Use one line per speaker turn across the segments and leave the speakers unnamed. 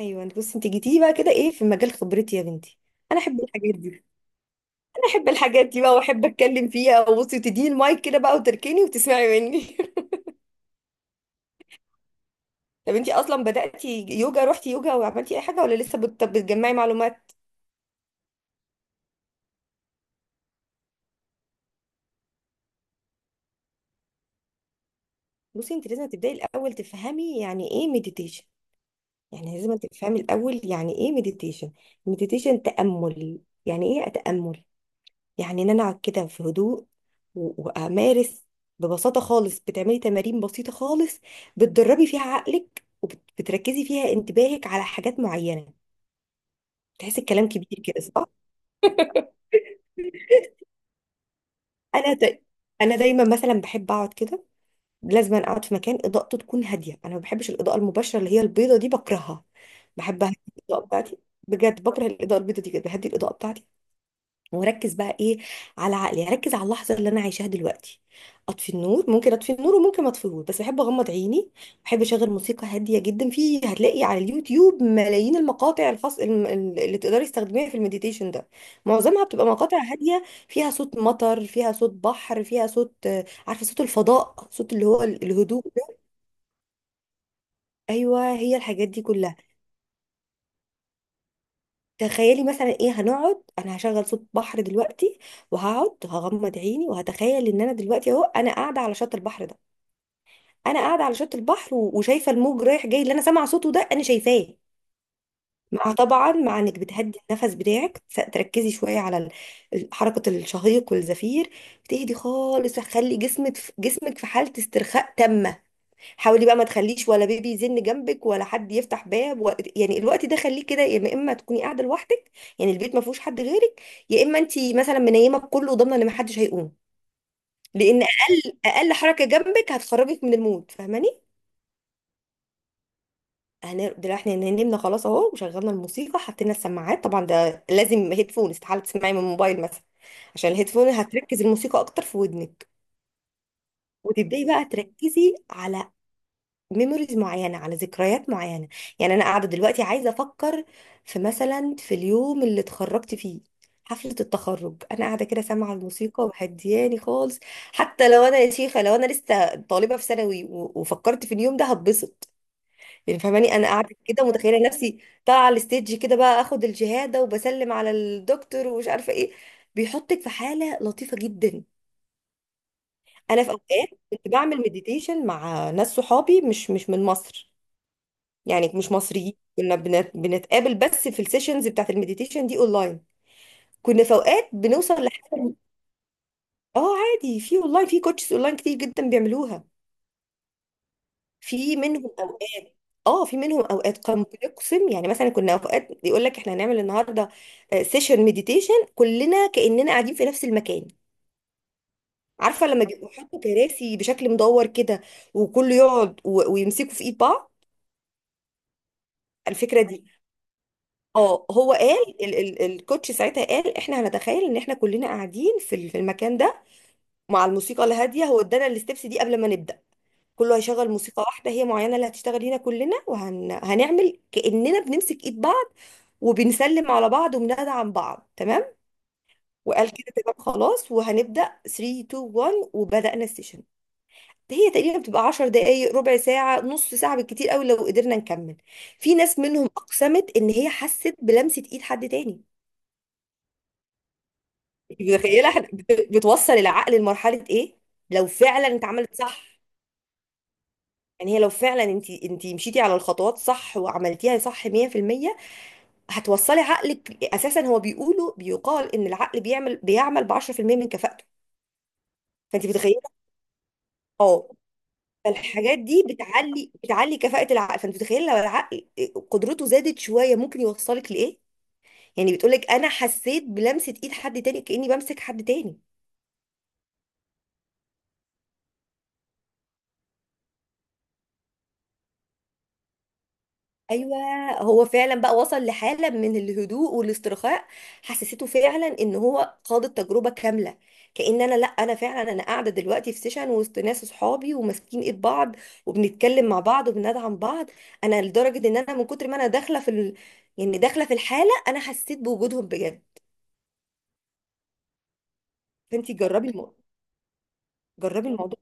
ايوه، انت بصي انت جيتي لي بقى كده، ايه؟ في مجال خبرتي يا بنتي. انا احب الحاجات دي. انا احب الحاجات دي بقى واحب اتكلم فيها، وبصي وتديني المايك كده بقى وتركني وتسمعي مني. طب انت اصلا بداتي يوجا؟ روحتي يوجا وعملتي اي حاجه ولا لسه بتجمعي معلومات؟ بصي، انت لازم تبداي الاول تفهمي يعني ايه مديتيشن. يعني لازم تفهمي الاول يعني ايه مديتيشن. مديتيشن تامل. يعني ايه اتامل؟ يعني ان انا اقعد كده في هدوء وامارس. ببساطه خالص، بتعملي تمارين بسيطه خالص، بتدربي فيها عقلك وبتركزي فيها انتباهك على حاجات معينه. تحسي الكلام كبير كده، صح؟ انا دا... انا دايما مثلا بحب اقعد كده. لازم أنا اقعد في مكان اضاءته تكون هاديه، انا ما بحبش الاضاءه المباشره اللي هي البيضه دي، بكرهها. بحب اهدي الاضاءه بتاعتي. بجد بكره الاضاءه البيضه دي جدا، بهدي الاضاءه بتاعتي. وركز بقى ايه؟ على عقلي. يعني ركز على اللحظه اللي انا عايشاها دلوقتي. اطفي النور، ممكن اطفي النور وممكن ما اطفيهوش، بس بحب اغمض عيني. بحب اشغل موسيقى هاديه جدا. في هتلاقي على اليوتيوب ملايين المقاطع الخاص اللي تقدري تستخدميها في المديتيشن ده. معظمها بتبقى مقاطع هاديه فيها صوت مطر، فيها صوت بحر، فيها صوت عارفه، صوت الفضاء، صوت اللي هو الهدوء ده. ايوه، هي الحاجات دي كلها. تخيلي مثلا، ايه، هنقعد. انا هشغل صوت بحر دلوقتي وهقعد هغمض عيني وهتخيل ان انا دلوقتي اهو انا قاعده على شط البحر ده. انا قاعده على شط البحر وشايفه الموج رايح جاي، اللي انا سامعه صوته ده انا شايفاه. مع، طبعا، مع انك بتهدي النفس بتاعك، تركزي شويه على حركه الشهيق والزفير. بتهدي خالص، هتخلي جسمك في حاله استرخاء تامه. حاولي بقى ما تخليش ولا بيبي يزن جنبك، ولا حد يفتح باب يعني الوقت ده خليه كده يا اما تكوني قاعده لوحدك، يعني البيت ما فيهوش حد غيرك، يا اما انت مثلا منيمه بكله وضامنه ان ما حدش هيقوم. لان اقل حركه جنبك هتخرجك من المود، فاهماني. انا دلوقتي احنا نمنا خلاص اهو وشغلنا الموسيقى، حطينا السماعات طبعا، ده لازم هيدفون، استحاله تسمعي من الموبايل مثلا. عشان الهيدفون هتركز الموسيقى اكتر في ودنك. وتبداي بقى تركزي على ميموريز معينه، على ذكريات معينه. يعني انا قاعده دلوقتي عايزه افكر في، مثلا، في اليوم اللي اتخرجت فيه، حفله التخرج. انا قاعده كده سامعه الموسيقى وهدياني خالص. حتى لو انا يا شيخه لو انا لسه طالبه في ثانوي وفكرت في اليوم ده، هتبسط. يعني فاهماني، انا قاعده كده متخيله نفسي طالعه على الستيج كده بقى، اخد الشهاده وبسلم على الدكتور ومش عارفه ايه. بيحطك في حاله لطيفه جدا. انا في اوقات كنت بعمل مديتيشن مع ناس صحابي مش من مصر، يعني مش مصريين. كنا بنتقابل بس في السيشنز بتاعت المديتيشن دي اونلاين. كنا في اوقات بنوصل لحاجه. اه عادي، في اونلاين، في كوتشز اونلاين كتير جدا بيعملوها. في منهم اوقات، اه، في منهم اوقات كان بيقسم. يعني مثلا كنا اوقات يقول لك احنا هنعمل النهارده سيشن مديتيشن، كلنا كاننا قاعدين في نفس المكان. عارفه لما بيبقوا حاطوا كراسي بشكل مدور كده، وكله يقعد ويمسكوا في ايد بعض، الفكره دي. اه، هو قال، ال الكوتش ساعتها قال احنا هنتخيل ان احنا كلنا قاعدين في في المكان ده مع الموسيقى الهاديه. هو ادانا الستبس دي قبل ما نبدا. كله هيشغل موسيقى واحده هي معينه، اللي هتشتغل هنا كلنا، هنعمل كاننا بنمسك ايد بعض وبنسلم على بعض وبندعم بعض، تمام. وقال كده تمام خلاص، وهنبدا 3 2 1، وبدانا السيشن. هي تقريبا بتبقى 10 دقائق، ربع ساعه، نص ساعه بالكتير قوي لو قدرنا نكمل. في ناس منهم اقسمت ان هي حست بلمسه ايد حد تاني. انت متخيله احنا بتوصل العقل لمرحله ايه لو فعلا اتعملت صح؟ يعني هي لو فعلا انت مشيتي على الخطوات صح وعملتيها صح 100%، هتوصلي عقلك. اساسا هو بيقولوا، بيقال ان العقل بيعمل ب 10% من كفاءته، فانت متخيله. اه، فالحاجات دي بتعلي كفاءه العقل، فانت متخيله لو العقل قدرته زادت شويه ممكن يوصلك لايه. يعني بتقولك انا حسيت بلمسه ايد حد تاني، كاني بمسك حد تاني. ايوه، هو فعلا بقى وصل لحاله من الهدوء والاسترخاء، حسسته فعلا ان هو خاض التجربه كامله. كأن انا، لا، انا فعلا انا قاعده دلوقتي في سيشن وسط ناس اصحابي وماسكين ايد بعض وبنتكلم مع بعض وبندعم بعض. انا لدرجه ان انا من كتر ما انا داخله في يعني داخله في الحاله، انا حسيت بوجودهم بجد. فانتي جربي الموضوع. جربي الموضوع.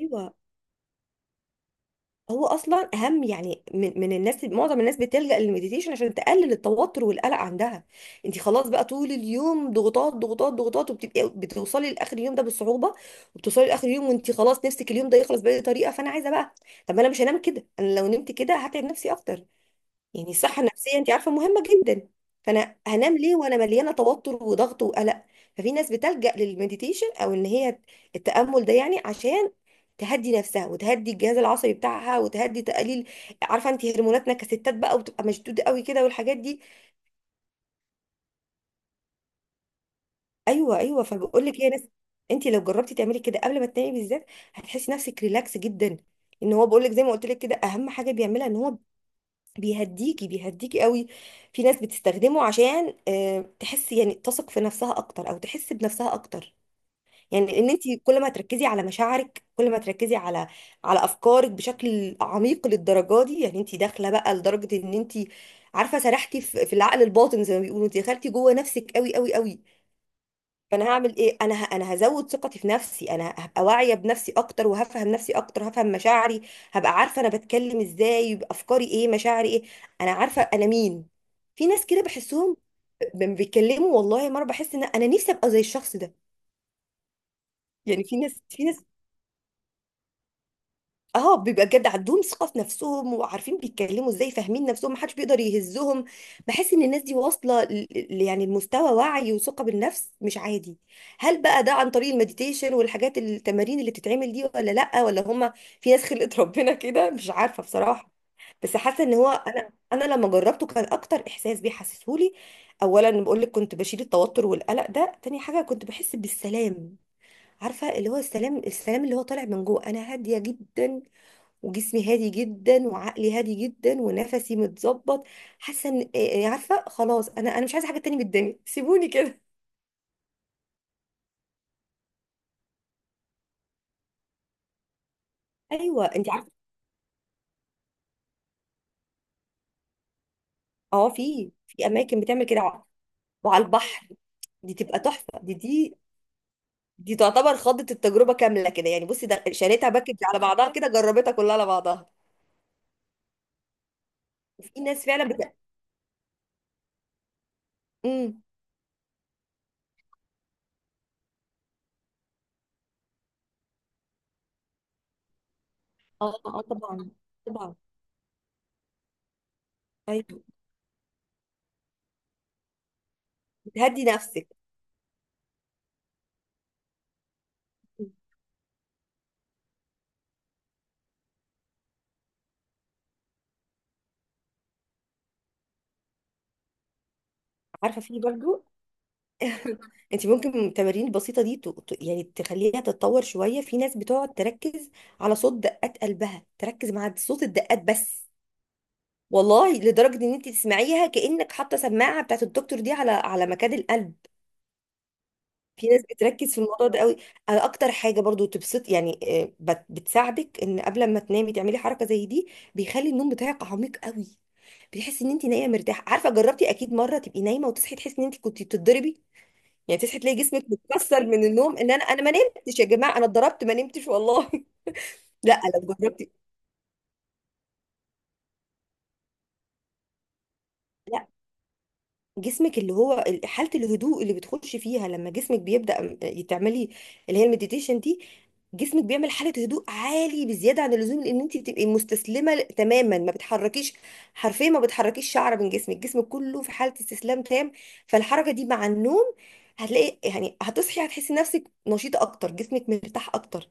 ايوه، هو اصلا اهم يعني من الناس، معظم الناس بتلجأ للمديتيشن عشان تقلل التوتر والقلق عندها. انت خلاص بقى طول اليوم ضغوطات ضغوطات ضغوطات، وبتبقي بتوصلي لاخر اليوم ده بالصعوبه. وبتوصلي لاخر اليوم وانت خلاص نفسك اليوم ده يخلص باي طريقه، فانا عايزه بقى. طب ما انا مش هنام كده، انا لو نمت كده هتعب نفسي اكتر. يعني الصحة النفسية انت عارفة مهمة جدا. فانا هنام ليه وانا مليانة توتر وضغط وقلق؟ ففي ناس بتلجأ للمديتيشن، او ان هي التأمل ده، يعني عشان تهدي نفسها وتهدي الجهاز العصبي بتاعها وتهدي، تقليل، عارفة انت هرموناتنا كستات بقى وبتبقى مشدودة قوي كده والحاجات دي. ايوه ايوه، فبقول لك يا ناس، انت لو جربتي تعملي كده قبل ما تنامي بالذات، هتحسي نفسك ريلاكس جدا. ان هو بقول لك زي ما قلت لك كده، اهم حاجة بيعملها ان هو بيهديكي قوي. في ناس بتستخدمه عشان تحس، يعني تثق في نفسها اكتر او تحس بنفسها اكتر. يعني ان انت كل ما تركزي على مشاعرك، كل ما تركزي على على افكارك بشكل عميق للدرجه دي، يعني انت داخله بقى لدرجه ان انت، عارفه، سرحتي في العقل الباطن زي ما بيقولوا، انت دخلتي جوه نفسك قوي قوي قوي. فانا هعمل ايه؟ انا هزود ثقتي في نفسي، انا هبقى واعيه بنفسي اكتر وهفهم نفسي اكتر، هفهم مشاعري، هبقى عارفه انا بتكلم ازاي، يبقى افكاري ايه، مشاعري ايه، انا عارفه انا مين. في ناس كده بحسهم بيتكلموا والله مره، بحس ان انا نفسي ابقى زي الشخص ده. يعني في ناس، اه، بيبقى بجد عندهم ثقة في نفسهم وعارفين بيتكلموا ازاي، فاهمين نفسهم، محدش بيقدر يهزهم. بحس ان الناس دي واصلة يعني لمستوى وعي وثقة بالنفس مش عادي. هل بقى ده عن طريق المديتيشن والحاجات التمارين اللي بتتعمل دي، ولا لأ، ولا هما في ناس خلقت ربنا كده؟ مش عارفة بصراحة. بس حاسة ان هو انا، انا لما جربته كان اكتر احساس بيحسسهولي، اولا بقول لك كنت بشيل التوتر والقلق ده، تاني حاجة كنت بحس بالسلام. عارفة، اللي هو السلام، السلام اللي هو طالع من جوه، انا هادية جدا وجسمي هادي جدا وعقلي هادي جدا ونفسي متظبط. حاسه ان عارفه، خلاص انا انا مش عايزه حاجه تانية من الدنيا سيبوني كده. ايوه انت عارفه. اه، في في اماكن بتعمل كده وعلى البحر. دي تبقى تحفه، دي دي دي تعتبر خضت التجربه كامله كده، يعني بصي ده شريتها باكج على بعضها كده، جربتها كلها على بعضها. وفي ناس فعلا بت... امم، اه، اه طبعا، طبعا. ايوه، بتهدي نفسك. عارفه، في برضو انت ممكن من التمارين البسيطه دي يعني تخليها تتطور شويه. في ناس بتقعد تركز على صوت دقات قلبها، تركز مع صوت الدقات بس. والله لدرجه ان انت تسمعيها كانك حاطه سماعه بتاعت الدكتور دي على على مكان القلب. في ناس بتركز في الموضوع ده قوي. انا اكتر حاجه برضو تبسط يعني، بتساعدك ان قبل ما تنامي تعملي حركه زي دي. بيخلي النوم بتاعك عميق قوي. بتحسي ان انت نايمه مرتاحه. عارفه جربتي اكيد مره تبقي نايمه وتصحي تحسي ان انت كنت بتتضربي، يعني تصحي تلاقي جسمك متكسر من النوم، ان انا، ما نمتش يا جماعه، انا اتضربت ما نمتش والله. لا، لو جربتي، لا، جسمك، اللي هو حاله الهدوء اللي بتخش فيها لما جسمك تعملي اللي هي المديتيشن دي، جسمك بيعمل حاله هدوء عالي بزياده عن اللزوم، لان انت بتبقي مستسلمه تماما، ما بتحركيش، حرفيا ما بتحركيش شعره من جسمك، جسمك كله في حاله استسلام تام. فالحركه دي مع النوم، هتلاقي، يعني هتصحي هتحسي نفسك نشيطه اكتر، جسمك مرتاح اكتر.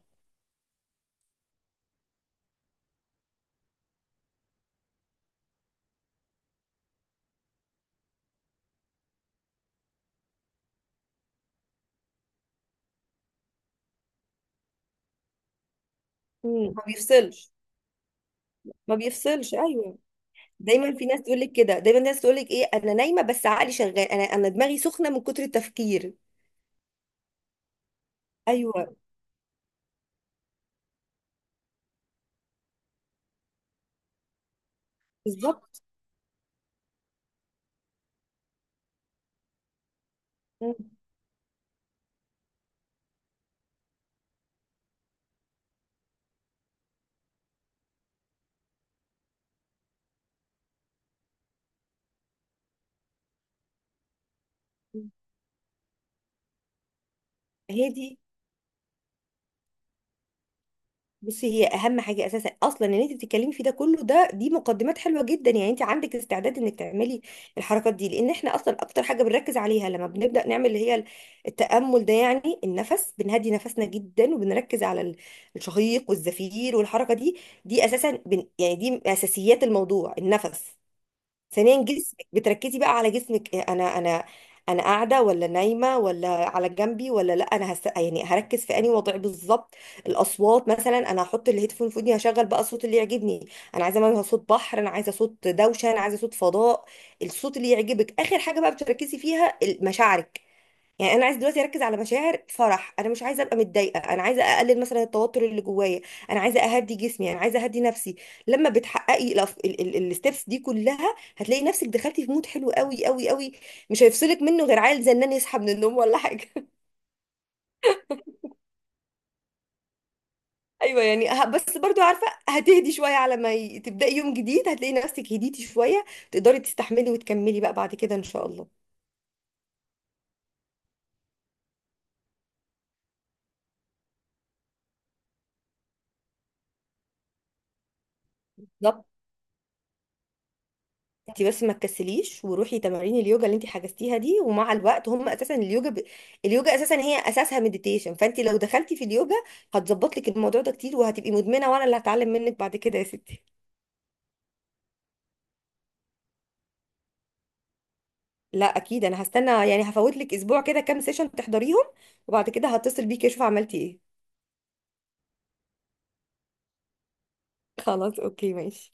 مم. ما بيفصلش، ما بيفصلش، ايوه. دايما في ناس تقول لك كده، دايما ناس تقول لك ايه، انا نايمه بس عقلي شغال، انا دماغي سخنه من كتر التفكير. ايوه، بالظبط. مم. هي دي. بصي، هي اهم حاجه اساسا اصلا، ان انت بتتكلمي في ده كله ده، دي مقدمات حلوه جدا، يعني انت عندك استعداد انك تعملي الحركات دي. لان احنا اصلا اكتر حاجه بنركز عليها لما بنبدا نعمل اللي هي التامل ده، يعني النفس، بنهدي نفسنا جدا وبنركز على الشهيق والزفير والحركه دي. دي اساسا يعني دي من اساسيات الموضوع، النفس. ثانيا جسمك، بتركزي بقى على جسمك، إيه، انا قاعده ولا نايمه ولا على جنبي، ولا لا يعني هركز في انهي وضع بالظبط. الاصوات، مثلا انا هحط الهيدفون في ودني، هشغل بقى الصوت اللي يعجبني. انا عايزه مثلا صوت بحر، انا عايزه صوت دوشه، انا عايزه صوت فضاء، الصوت اللي يعجبك. اخر حاجه بقى بتركزي فيها مشاعرك، يعني انا عايزه دلوقتي اركز على مشاعر فرح، انا مش عايزه ابقى متضايقه، انا عايزه اقلل مثلا التوتر اللي جوايا، انا عايزه اهدي جسمي، انا عايزه اهدي نفسي. لما بتحققي الستبس دي كلها، هتلاقي نفسك دخلتي في مود حلو قوي قوي قوي، مش هيفصلك منه غير عيل زنان يصحى من النوم ولا حاجه. ايوه، يعني بس برضو عارفه هتهدي شويه، على ما تبداي يوم جديد هتلاقي نفسك هديتي شويه، تقدري تستحملي وتكملي بقى بعد كده ان شاء الله. بالظبط. انت بس ما تكسليش وروحي تمارين اليوجا اللي انت حجزتيها دي، ومع الوقت هم اساسا اليوجا اساسا هي اساسها مديتيشن، فانت لو دخلتي في اليوجا هتظبط لك الموضوع ده كتير، وهتبقي مدمنه، وانا اللي هتعلم منك بعد كده يا ستي. لا اكيد، انا هستنى يعني هفوت لك اسبوع كده، كام سيشن تحضريهم وبعد كده هتصل بيكي اشوف عملتي ايه. خلاص اوكي ماشي.